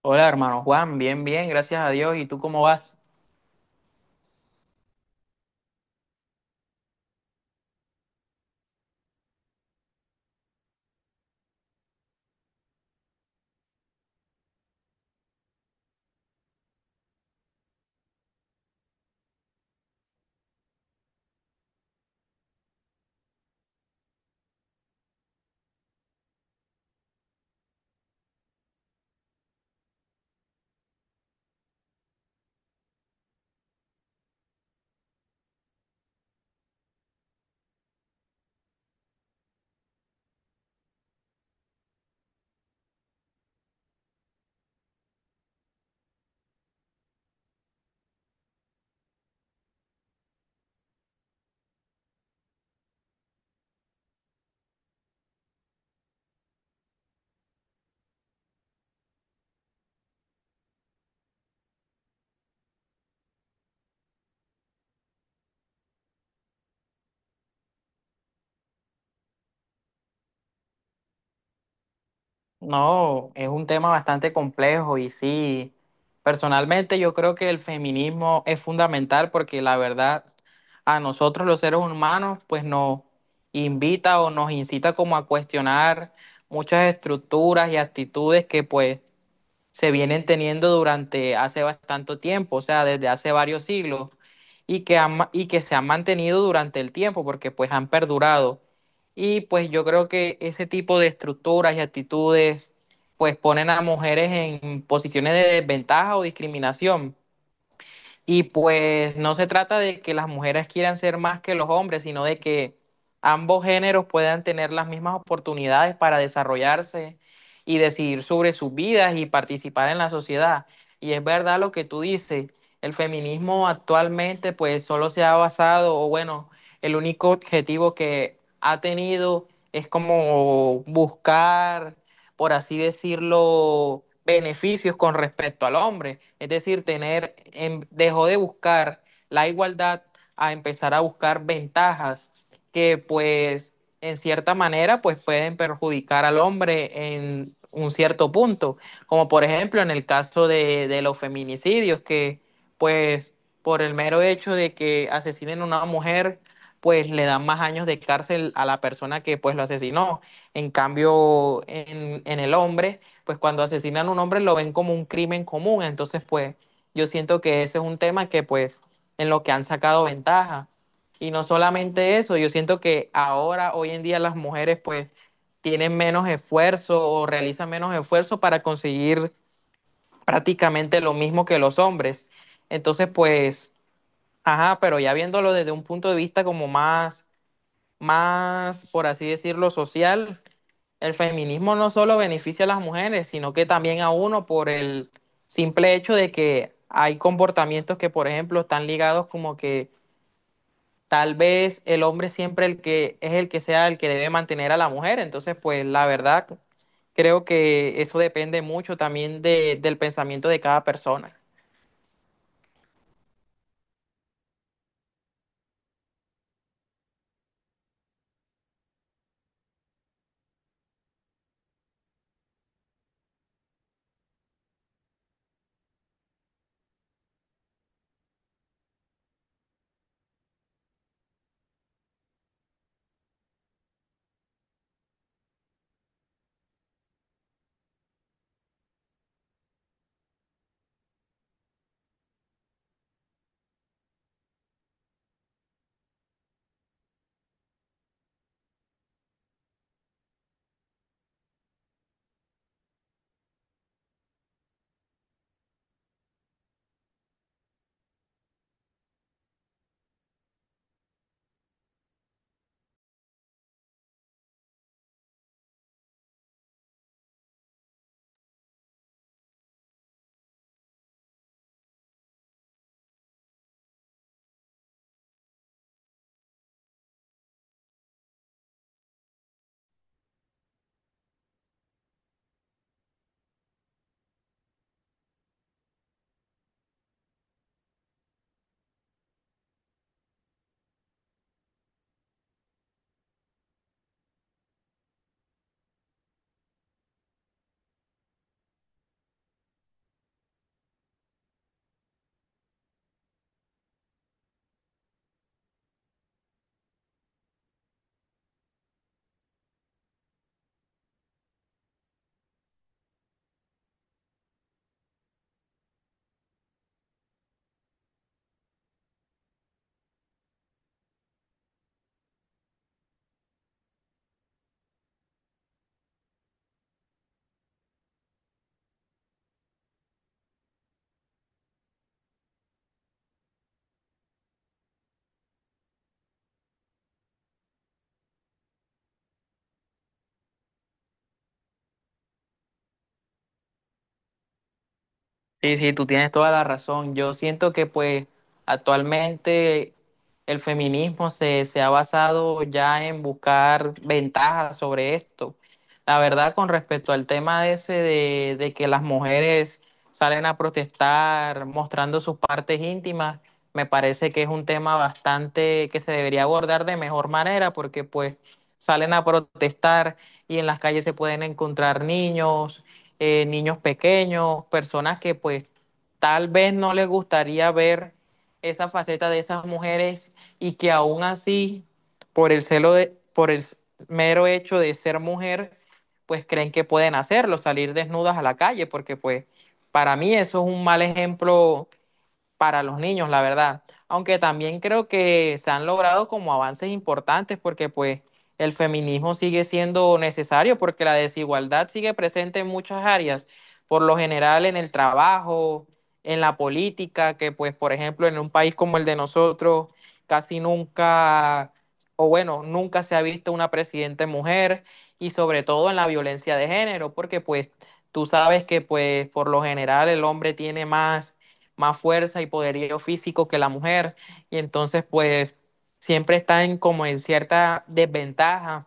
Hola, hermano Juan, bien, bien, gracias a Dios. ¿Y tú cómo vas? No, es un tema bastante complejo y sí, personalmente yo creo que el feminismo es fundamental porque la verdad a nosotros los seres humanos pues nos invita o nos incita como a cuestionar muchas estructuras y actitudes que pues se vienen teniendo durante hace bastante tiempo, o sea, desde hace varios siglos, y que, y que se han mantenido durante el tiempo, porque pues han perdurado. Y pues yo creo que ese tipo de estructuras y actitudes pues ponen a mujeres en posiciones de desventaja o discriminación. Y pues no se trata de que las mujeres quieran ser más que los hombres, sino de que ambos géneros puedan tener las mismas oportunidades para desarrollarse y decidir sobre sus vidas y participar en la sociedad. Y es verdad lo que tú dices, el feminismo actualmente pues solo se ha basado, o bueno, el único objetivo que ha tenido es como buscar, por así decirlo, beneficios con respecto al hombre. Es decir, tener, dejó de buscar la igualdad a empezar a buscar ventajas que pues en cierta manera pues pueden perjudicar al hombre en un cierto punto, como por ejemplo en el caso de los feminicidios, que pues por el mero hecho de que asesinen a una mujer, pues le dan más años de cárcel a la persona que pues lo asesinó. En cambio, en el hombre, pues cuando asesinan a un hombre lo ven como un crimen común. Entonces, pues yo siento que ese es un tema que, pues, en lo que han sacado ventaja. Y no solamente eso, yo siento que ahora, hoy en día, las mujeres, pues, tienen menos esfuerzo o realizan menos esfuerzo para conseguir prácticamente lo mismo que los hombres. Entonces, pues, ajá, pero ya viéndolo desde un punto de vista como más, más, por así decirlo, social, el feminismo no solo beneficia a las mujeres, sino que también a uno por el simple hecho de que hay comportamientos que, por ejemplo, están ligados como que tal vez el hombre siempre, el que es, el que sea el que debe mantener a la mujer. Entonces, pues la verdad, creo que eso depende mucho también del pensamiento de cada persona. Sí, sí, tú tienes toda la razón. Yo siento que pues actualmente el feminismo se ha basado ya en buscar ventajas sobre esto. La verdad, con respecto al tema ese de que las mujeres salen a protestar mostrando sus partes íntimas, me parece que es un tema bastante que se debería abordar de mejor manera porque pues salen a protestar y en las calles se pueden encontrar niños, niños pequeños, personas que pues tal vez no les gustaría ver esa faceta de esas mujeres y que aún así, por el celo de, por el mero hecho de ser mujer, pues creen que pueden hacerlo, salir desnudas a la calle, porque pues para mí eso es un mal ejemplo para los niños, la verdad. Aunque también creo que se han logrado como avances importantes porque pues el feminismo sigue siendo necesario porque la desigualdad sigue presente en muchas áreas, por lo general en el trabajo, en la política, que pues por ejemplo en un país como el de nosotros casi nunca, o bueno, nunca se ha visto una presidenta mujer y sobre todo en la violencia de género porque pues tú sabes que pues por lo general el hombre tiene más, más fuerza y poderío físico que la mujer, y entonces pues siempre están como en cierta desventaja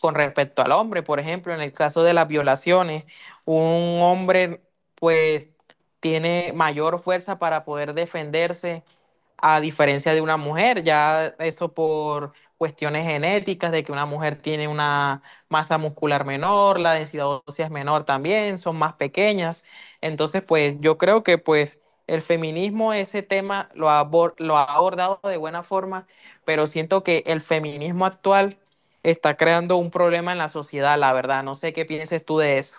con respecto al hombre. Por ejemplo, en el caso de las violaciones, un hombre pues tiene mayor fuerza para poder defenderse a diferencia de una mujer, ya eso por cuestiones genéticas, de que una mujer tiene una masa muscular menor, la densidad ósea es menor también, son más pequeñas. Entonces, pues yo creo que pues el feminismo ese tema lo ha, lo ha abordado de buena forma, pero siento que el feminismo actual está creando un problema en la sociedad, la verdad. No sé qué pienses tú de eso.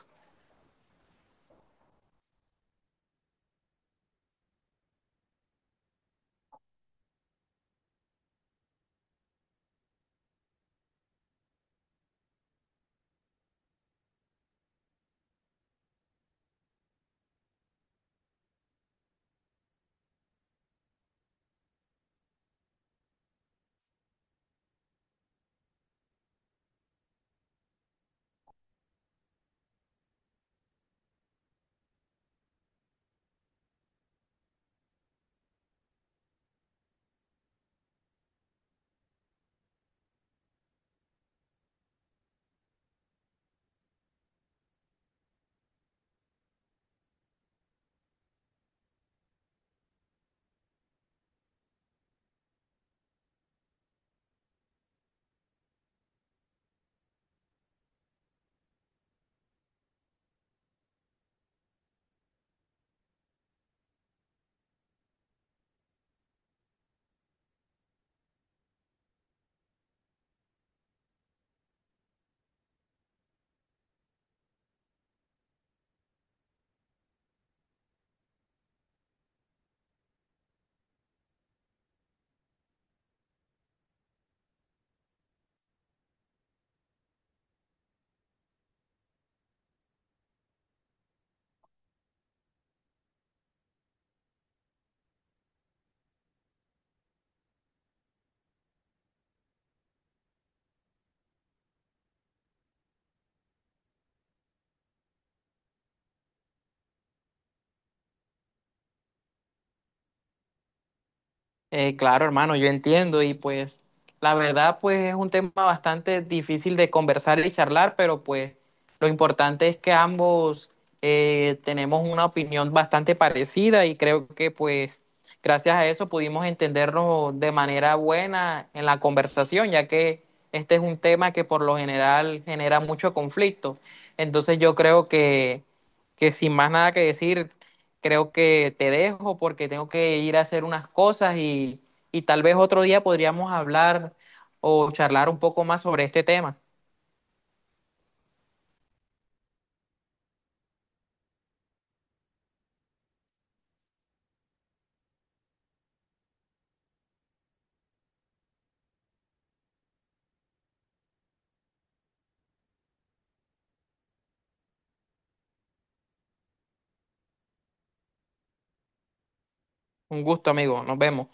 Claro, hermano, yo entiendo y pues la verdad pues es un tema bastante difícil de conversar y charlar, pero pues lo importante es que ambos tenemos una opinión bastante parecida y creo que pues gracias a eso pudimos entendernos de manera buena en la conversación, ya que este es un tema que por lo general genera mucho conflicto. Entonces yo creo que sin más nada que decir, creo que te dejo porque tengo que ir a hacer unas cosas y tal vez otro día podríamos hablar o charlar un poco más sobre este tema. Un gusto, amigo. Nos vemos.